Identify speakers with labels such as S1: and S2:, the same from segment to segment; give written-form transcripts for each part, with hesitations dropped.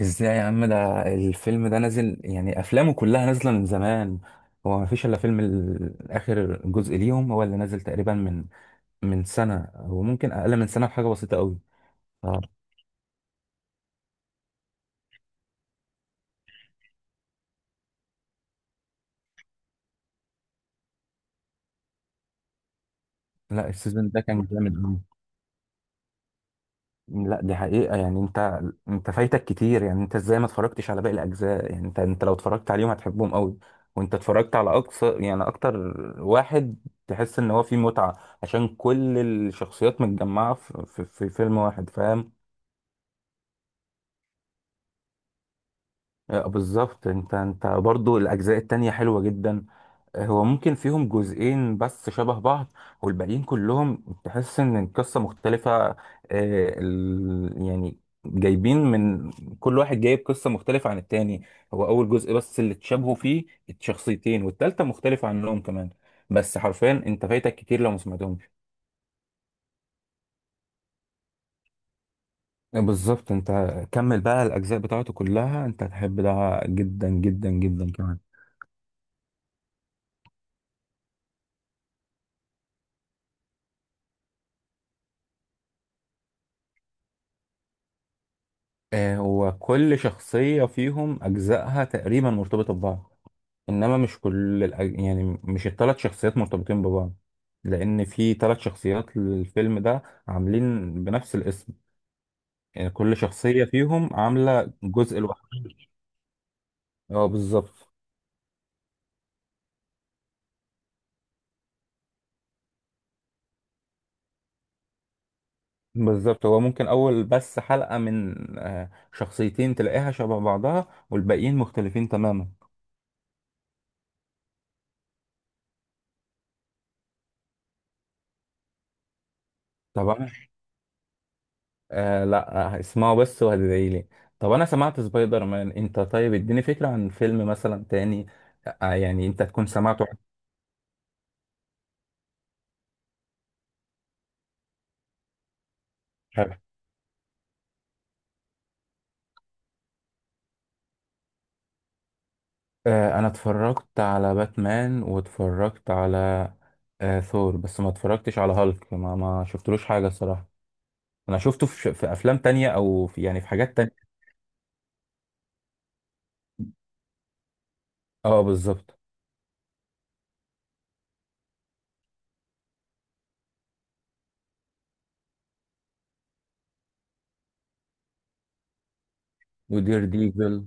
S1: ازاي يا عم، ده الفيلم ده نازل، يعني افلامه كلها نازله من زمان. هو ما فيش الا فيلم اخر جزء ليهم هو اللي نازل تقريبا من سنه، او ممكن اقل من سنه بحاجه بسيطه قوي. ف- لا، السيزون ده كان جامد قوي. لا، دي حقيقه. يعني انت فايتك كتير، يعني انت ازاي ما اتفرجتش على باقي الاجزاء؟ يعني انت لو اتفرجت عليهم هتحبهم قوي. وانت اتفرجت على اقصى، يعني اكتر واحد تحس ان هو فيه متعه، عشان كل الشخصيات متجمعه في فيلم واحد، فاهم؟ آه، بالظبط. انت برضو الاجزاء التانية حلوة جدا. آه، هو ممكن فيهم جزئين بس شبه بعض، والباقيين كلهم تحس ان القصة مختلفة. يعني جايبين من كل واحد جايب قصة مختلفة عن التاني. هو اول جزء بس اللي اتشابهوا فيه الشخصيتين، والتالتة مختلفة عنهم كمان. بس حرفيا انت فايتك كتير لو ما سمعتهمش. آه، بالظبط. انت كمل بقى الاجزاء بتاعته كلها، انت هتحب ده جدا جدا جدا كمان. آه، هو كل شخصية فيهم أجزائها تقريبا مرتبطة ببعض، إنما مش كل يعني مش الثلاث شخصيات مرتبطين ببعض، لأن في ثلاث شخصيات للفيلم ده عاملين بنفس الاسم، يعني كل شخصية فيهم عاملة جزء لوحده. اه، بالظبط. بالظبط، هو ممكن أول بس حلقة من شخصيتين تلاقيها شبه بعضها، والباقيين مختلفين تماما. طبعا. آه لا، اسمعوا بس وهتدعي لي. طب انا سمعت سبايدر مان، انت طيب اديني فكرة عن فيلم مثلا تاني، يعني انت تكون سمعته. حلو. انا اتفرجت على باتمان، واتفرجت على ثور، بس ما اتفرجتش على هالك، ما شفتلوش حاجة الصراحة. انا شفته في افلام تانية، او في يعني في حاجات تانية. اه، بالظبط. ودير ديفل.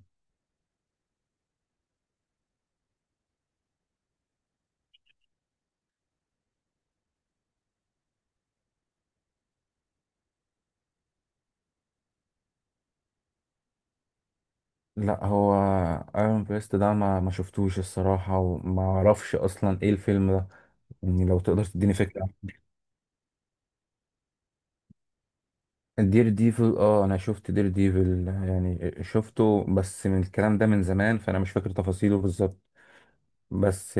S1: لا، هو ايرون بريست ده ما شفتوش الصراحة، وما اعرفش اصلا ايه الفيلم ده، يعني لو تقدر تديني فكرة. دير ديفل، اه انا شفت دير ديفل، يعني شفته بس من الكلام ده من زمان، فانا مش فاكر تفاصيله بالظبط. بس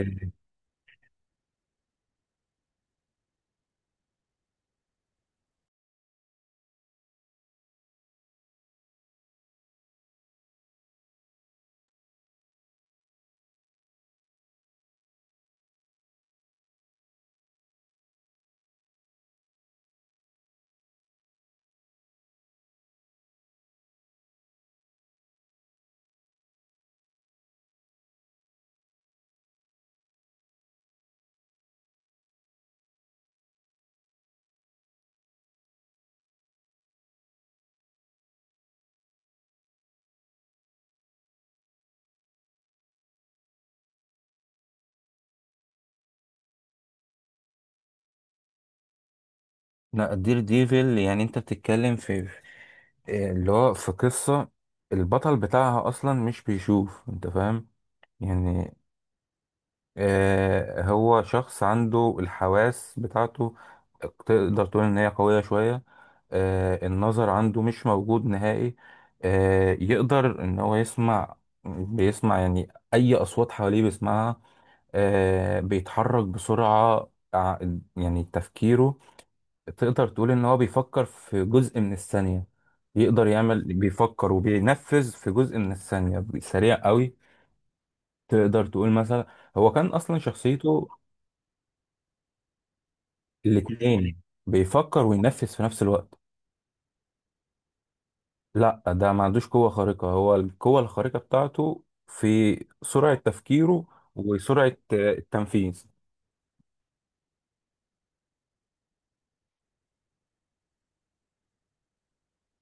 S1: لا، دير ديفل يعني انت بتتكلم اللي هو في قصة البطل بتاعها اصلا مش بيشوف، انت فاهم؟ يعني آه، هو شخص عنده الحواس بتاعته، تقدر تقول ان هي قوية شوية. آه، النظر عنده مش موجود نهائي. آه، يقدر ان هو يسمع، بيسمع، يعني اي اصوات حواليه بيسمعها. آه، بيتحرك بسرعة، يعني تفكيره، تقدر تقول ان هو بيفكر في جزء من الثانية، يقدر يعمل بيفكر وبينفذ في جزء من الثانية سريع قوي. تقدر تقول مثلا، هو كان اصلا شخصيته الاتنين بيفكر وينفذ في نفس الوقت. لا، ده ما عندوش قوة خارقة. هو القوة الخارقة بتاعته في سرعة تفكيره، وسرعة التنفيذ.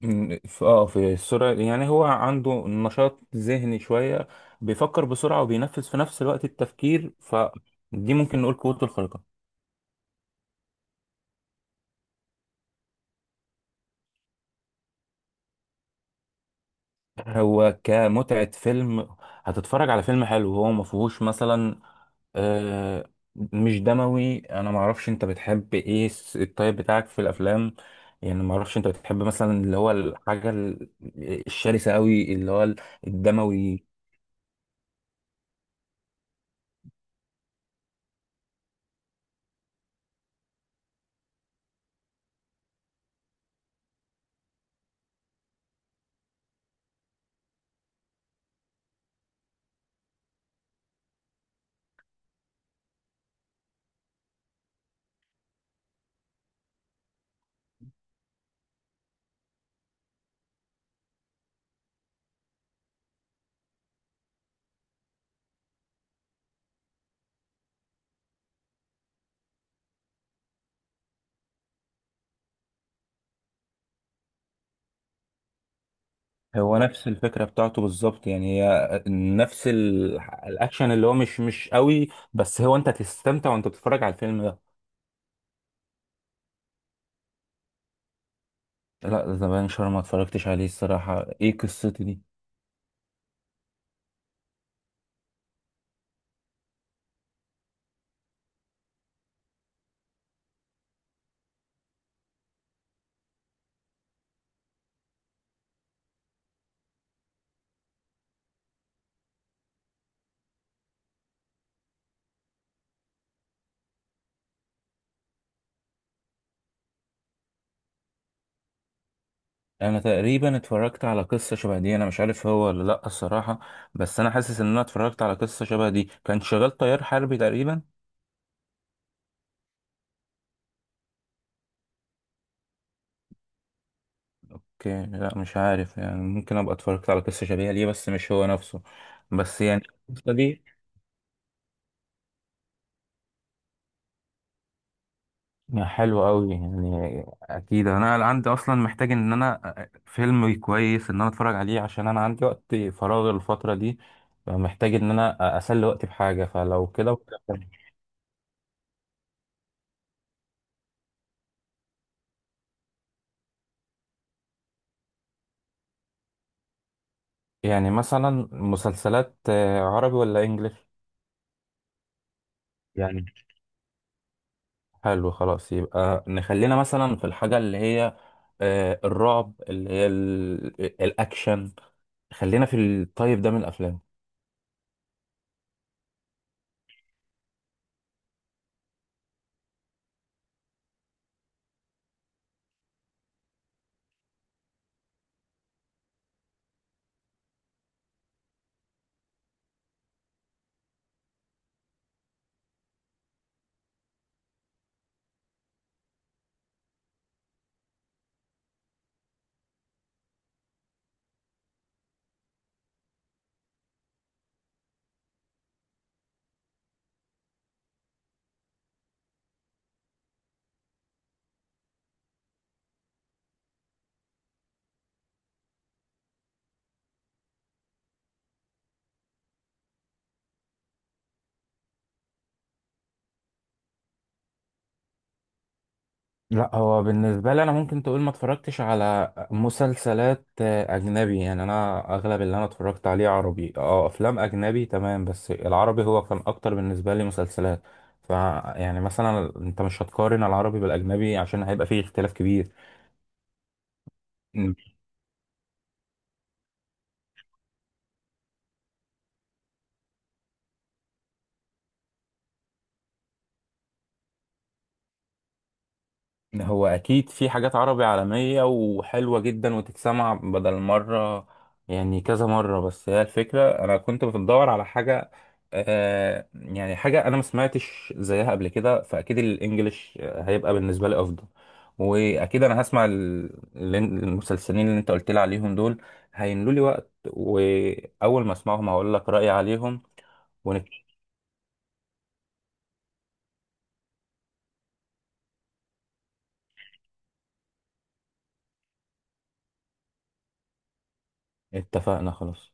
S1: م، في- اه في السرعة، يعني هو عنده نشاط ذهني شوية، بيفكر بسرعة وبينفذ في نفس الوقت التفكير، فدي ممكن نقول قوته الخارقة. هو كمتعة فيلم، هتتفرج على فيلم حلو، هو ما فيهوش مثلا آه مش دموي. انا ما اعرفش انت بتحب ايه، الطيب بتاعك في الافلام، يعني ما اعرفش انت بتحب مثلا اللي هو الحاجة الشرسة قوي اللي هو الدموي. هو نفس الفكرة بتاعته بالظبط، يعني هي نفس الاكشن اللي هو مش قوي، بس هو انت تستمتع وانت بتتفرج على الفيلم ده. لا، ذا بانشر ما اتفرجتش عليه الصراحة، ايه قصته دي؟ انا تقريبا اتفرجت على قصه شبه دي، انا مش عارف هو ولا لا الصراحه، بس انا حاسس ان انا اتفرجت على قصه شبه دي، كان شغال طيار حربي تقريبا. لا مش عارف، يعني ممكن ابقى اتفرجت على قصه شبيهه ليه بس مش هو نفسه، بس يعني القصه دي حلوه قوي. يعني اكيد انا عندي اصلا، محتاج ان انا فيلم كويس ان انا اتفرج عليه، عشان انا عندي وقت فراغ الفتره دي، محتاج ان انا اسلي وقتي بحاجه، فلو كده. يعني مثلا مسلسلات عربي ولا انجليش؟ يعني حلو خلاص، يبقى نخلينا مثلا في الحاجة اللي هي الرعب اللي هي الأكشن، خلينا في الطيب ده من الأفلام. لا، هو بالنسبة لي أنا ممكن تقول ما اتفرجتش على مسلسلات أجنبي. يعني أنا أغلب اللي أنا اتفرجت عليه عربي، أفلام أجنبي تمام، بس العربي هو كان أكتر بالنسبة لي مسلسلات. ف يعني مثلا أنت مش هتقارن العربي بالأجنبي، عشان هيبقى فيه اختلاف كبير. هو اكيد في حاجات عربي عالمية وحلوة جدا، وتتسمع بدل مرة، يعني كذا مرة. بس هي الفكرة انا كنت بدور على حاجة، يعني حاجة انا ما سمعتش زيها قبل كده، فاكيد الانجليش هيبقى بالنسبة لي افضل. واكيد انا هسمع المسلسلين اللي انت قلت لي عليهم دول، هيملوا لي وقت، واول ما اسمعهم هقول لك رأيي عليهم. ونتفقنا خلاص.